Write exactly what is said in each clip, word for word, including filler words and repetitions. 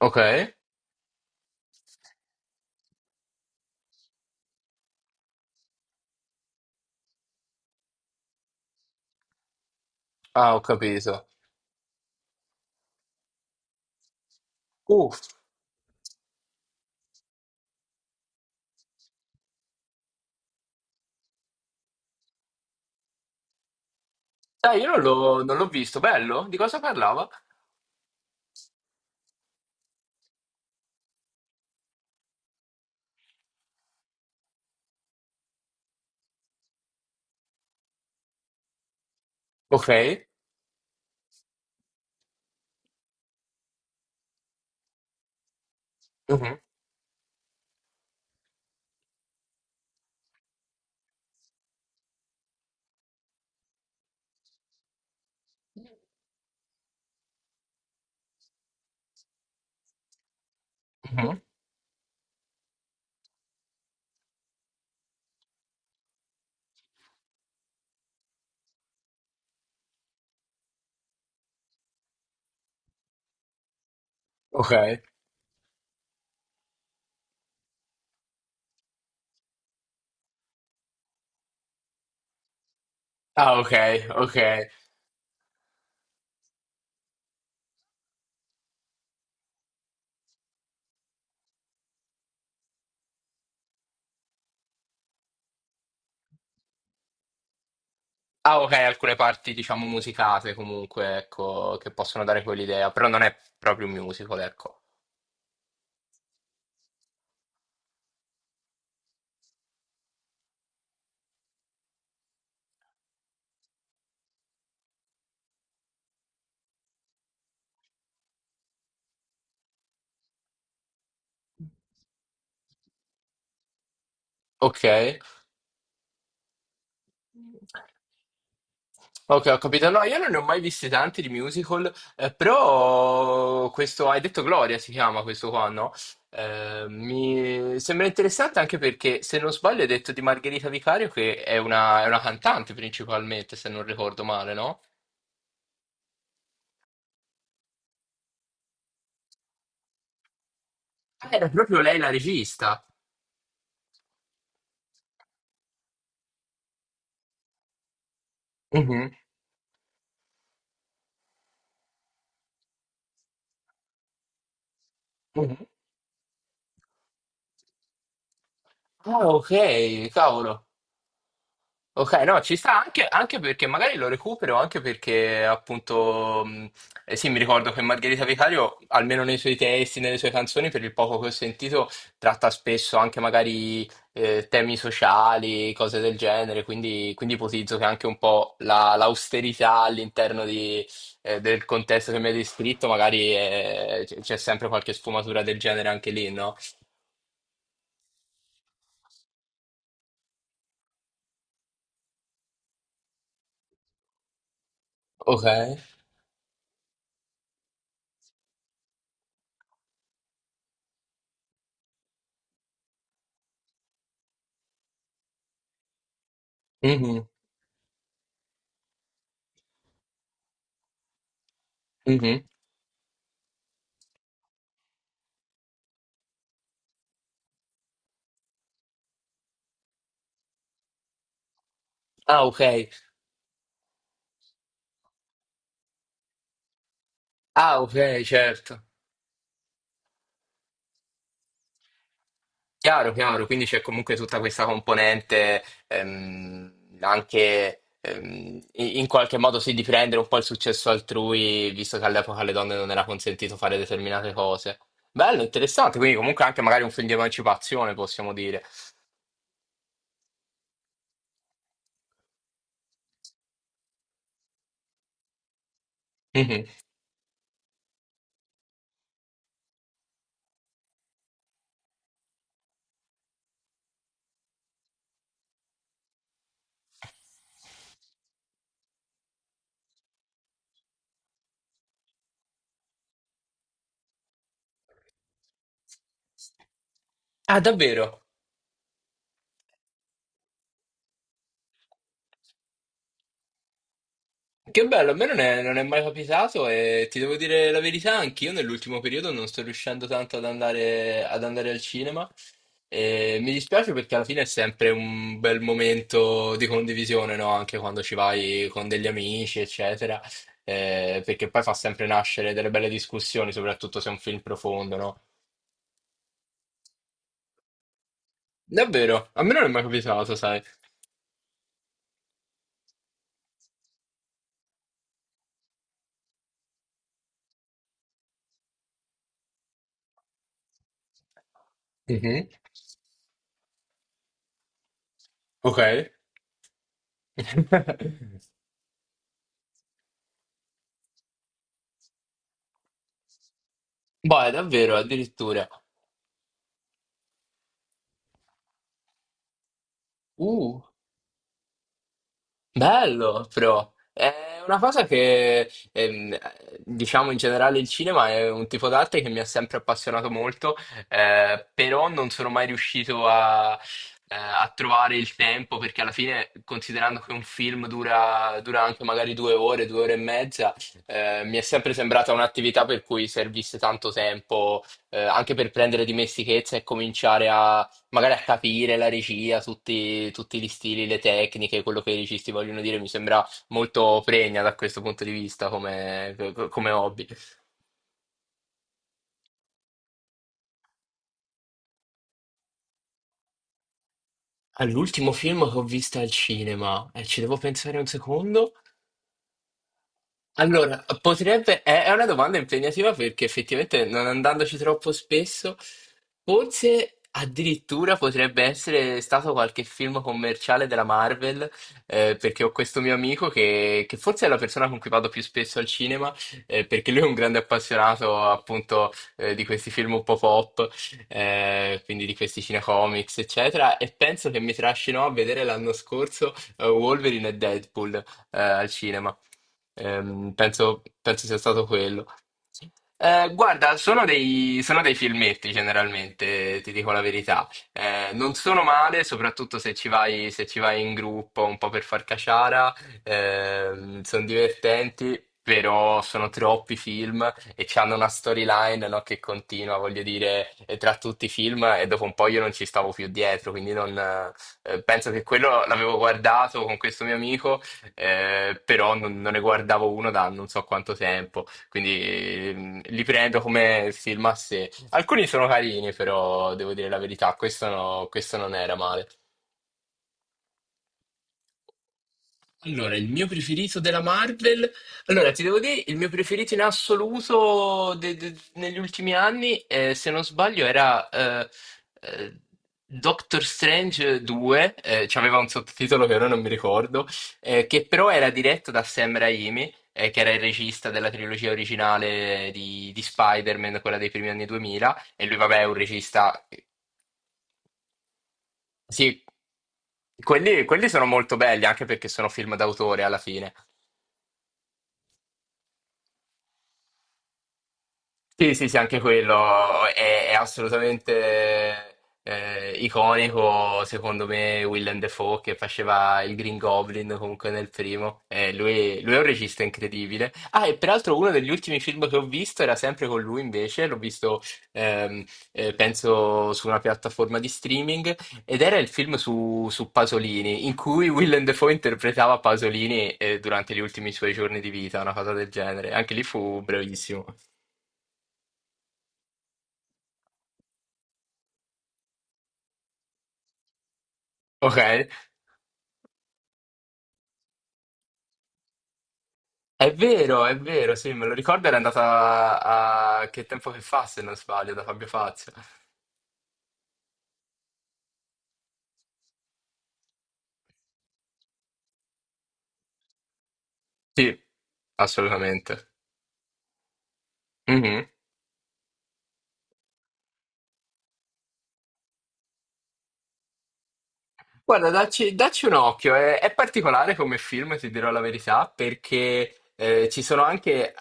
Ok. Ah, ho capito. Uh, Dai, io non l'ho non l'ho visto. Bello? Di cosa parlava? Ok. Mhm. Mhm. Ok. Ah, ok, ok. Ah, ok, alcune parti, diciamo, musicate comunque, ecco, che possono dare quell'idea, però non è proprio un musical, ecco. Ok. Ok, ho capito. No, io non ne ho mai visti tanti di musical, eh, però questo, hai detto Gloria si chiama questo qua, no? Eh, mi sembra interessante anche perché, se non sbaglio, hai detto di Margherita Vicario che è una, è una cantante principalmente, se non ricordo male, no? Ah, era proprio lei la regista. Mhm, mhm. Ah, ok, cavolo. Ok, no, ci sta anche, anche perché magari lo recupero, anche perché appunto, mh, eh sì, mi ricordo che Margherita Vicario, almeno nei suoi testi, nelle sue canzoni, per il poco che ho sentito, tratta spesso anche magari eh, temi sociali, cose del genere, quindi, quindi ipotizzo che anche un po' la- l'austerità all'interno di, eh, del contesto che mi hai descritto, magari eh, c- c'è sempre qualche sfumatura del genere anche lì, no? Ok. Mhm, mhm. Ah, ok. Ah, ok, certo. Chiaro, chiaro, quindi c'è comunque tutta questa componente ehm, anche ehm, i- in qualche modo sì di prendere un po' il successo altrui, visto che all'epoca alle donne non era consentito fare determinate cose. Bello, interessante, quindi comunque anche magari un film di emancipazione, possiamo dire. Mhm. Ah, davvero? Che bello, a me non è, non è mai capitato e ti devo dire la verità, anch'io nell'ultimo periodo non sto riuscendo tanto ad andare, ad andare al cinema e mi dispiace perché alla fine è sempre un bel momento di condivisione, no? Anche quando ci vai con degli amici, eccetera. Eh, perché poi fa sempre nascere delle belle discussioni, soprattutto se è un film profondo, no? Davvero, a me non è mai capitato, sai? Mhm. Ok. Boh, è davvero, addirittura. Uh. Bello, però. È una cosa che, ehm, diciamo in generale il cinema è un tipo d'arte che mi ha sempre appassionato molto, eh, però non sono mai riuscito a, eh, a trovare il tempo, perché alla fine, considerando che un film dura, dura anche magari due ore, due ore e mezza, eh, mi è sempre sembrata un'attività per cui servisse tanto tempo, eh, anche per prendere dimestichezza e cominciare a magari a capire la regia, tutti, tutti gli stili, le tecniche, quello che i registi vogliono dire, mi sembra molto pregna da questo punto di vista come, co- come hobby. All'ultimo film che ho visto al cinema, e ci devo pensare un secondo. Allora, potrebbe, è è una domanda impegnativa perché effettivamente non andandoci troppo spesso, forse addirittura potrebbe essere stato qualche film commerciale della Marvel, eh, perché ho questo mio amico che, che forse è la persona con cui vado più spesso al cinema, eh, perché lui è un grande appassionato appunto eh, di questi film un po' pop, eh, quindi di questi cinecomics, eccetera, e penso che mi trascinò a vedere l'anno scorso eh, Wolverine e Deadpool eh, al cinema. Ehm, penso, penso sia stato quello. Eh, guarda, sono dei, sono dei filmetti generalmente, ti dico la verità. Eh, non sono male, soprattutto se ci vai, se ci vai in gruppo un po' per far caciara. Sono divertenti, però sono troppi film e hanno una storyline, no, che continua, voglio dire, eh, tra tutti i film e dopo un po' io non ci stavo più dietro, quindi non, eh, penso che quello l'avevo guardato con questo mio amico, eh, però non non ne guardavo uno da non so quanto tempo, quindi ehm, li prendo come film a sé. Alcuni sono carini, però devo dire la verità, questo, no- questo non era male. Allora, il mio preferito della Marvel. Allora, ti devo dire, il mio preferito in assoluto de- de- negli ultimi anni, eh, se non sbaglio, era eh, eh, Doctor Strange due, eh, c'aveva un sottotitolo che ora non mi ricordo, eh, che però era diretto da Sam Raimi, eh, che era il regista della trilogia originale di, di Spider-Man, quella dei primi anni duemila, e lui, vabbè, è un regista. Sì, quelli quelli sono molto belli anche perché sono film d'autore alla fine. Sì, sì, sì, anche quello è, è assolutamente eh, iconico, secondo me. Willem Dafoe che faceva il Green Goblin comunque nel primo. Eh, lui, lui è un regista incredibile. Ah, e peraltro uno degli ultimi film che ho visto era sempre con lui invece, l'ho visto, ehm, eh, penso, su una piattaforma di streaming, ed era il film su, su Pasolini, in cui Willem Dafoe interpretava Pasolini eh, durante gli ultimi suoi giorni di vita, una cosa del genere. Anche lì fu brevissimo. Ok. È vero, è vero, sì, me lo ricordo, era andata a... a Che tempo che fa, se non sbaglio, da Fabio Fazio. Sì, assolutamente. Guarda, dacci, dacci un occhio, è, è particolare come film, ti dirò la verità, perché eh, ci sono anche eh,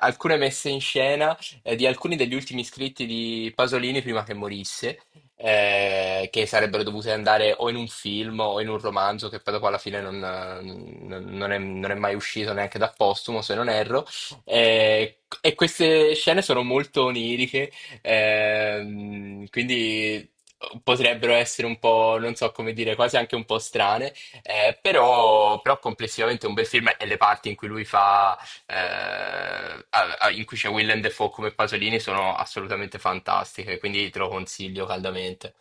alcune messe in scena eh, di alcuni degli ultimi iscritti di Pasolini prima che morisse, eh, che sarebbero dovute andare o in un film o in un romanzo, che poi dopo alla fine non, non- non è, non è mai uscito neanche da postumo, se non erro. Eh, e queste scene sono molto oniriche. Ehm, quindi potrebbero essere un po', non so come dire, quasi anche un po' strane, eh, però, però complessivamente è un bel film e le parti in cui lui fa, eh, a- a- in cui c'è Willem Dafoe come Pasolini sono assolutamente fantastiche, quindi te lo consiglio caldamente.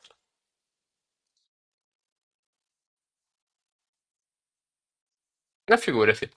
Una figura, sì.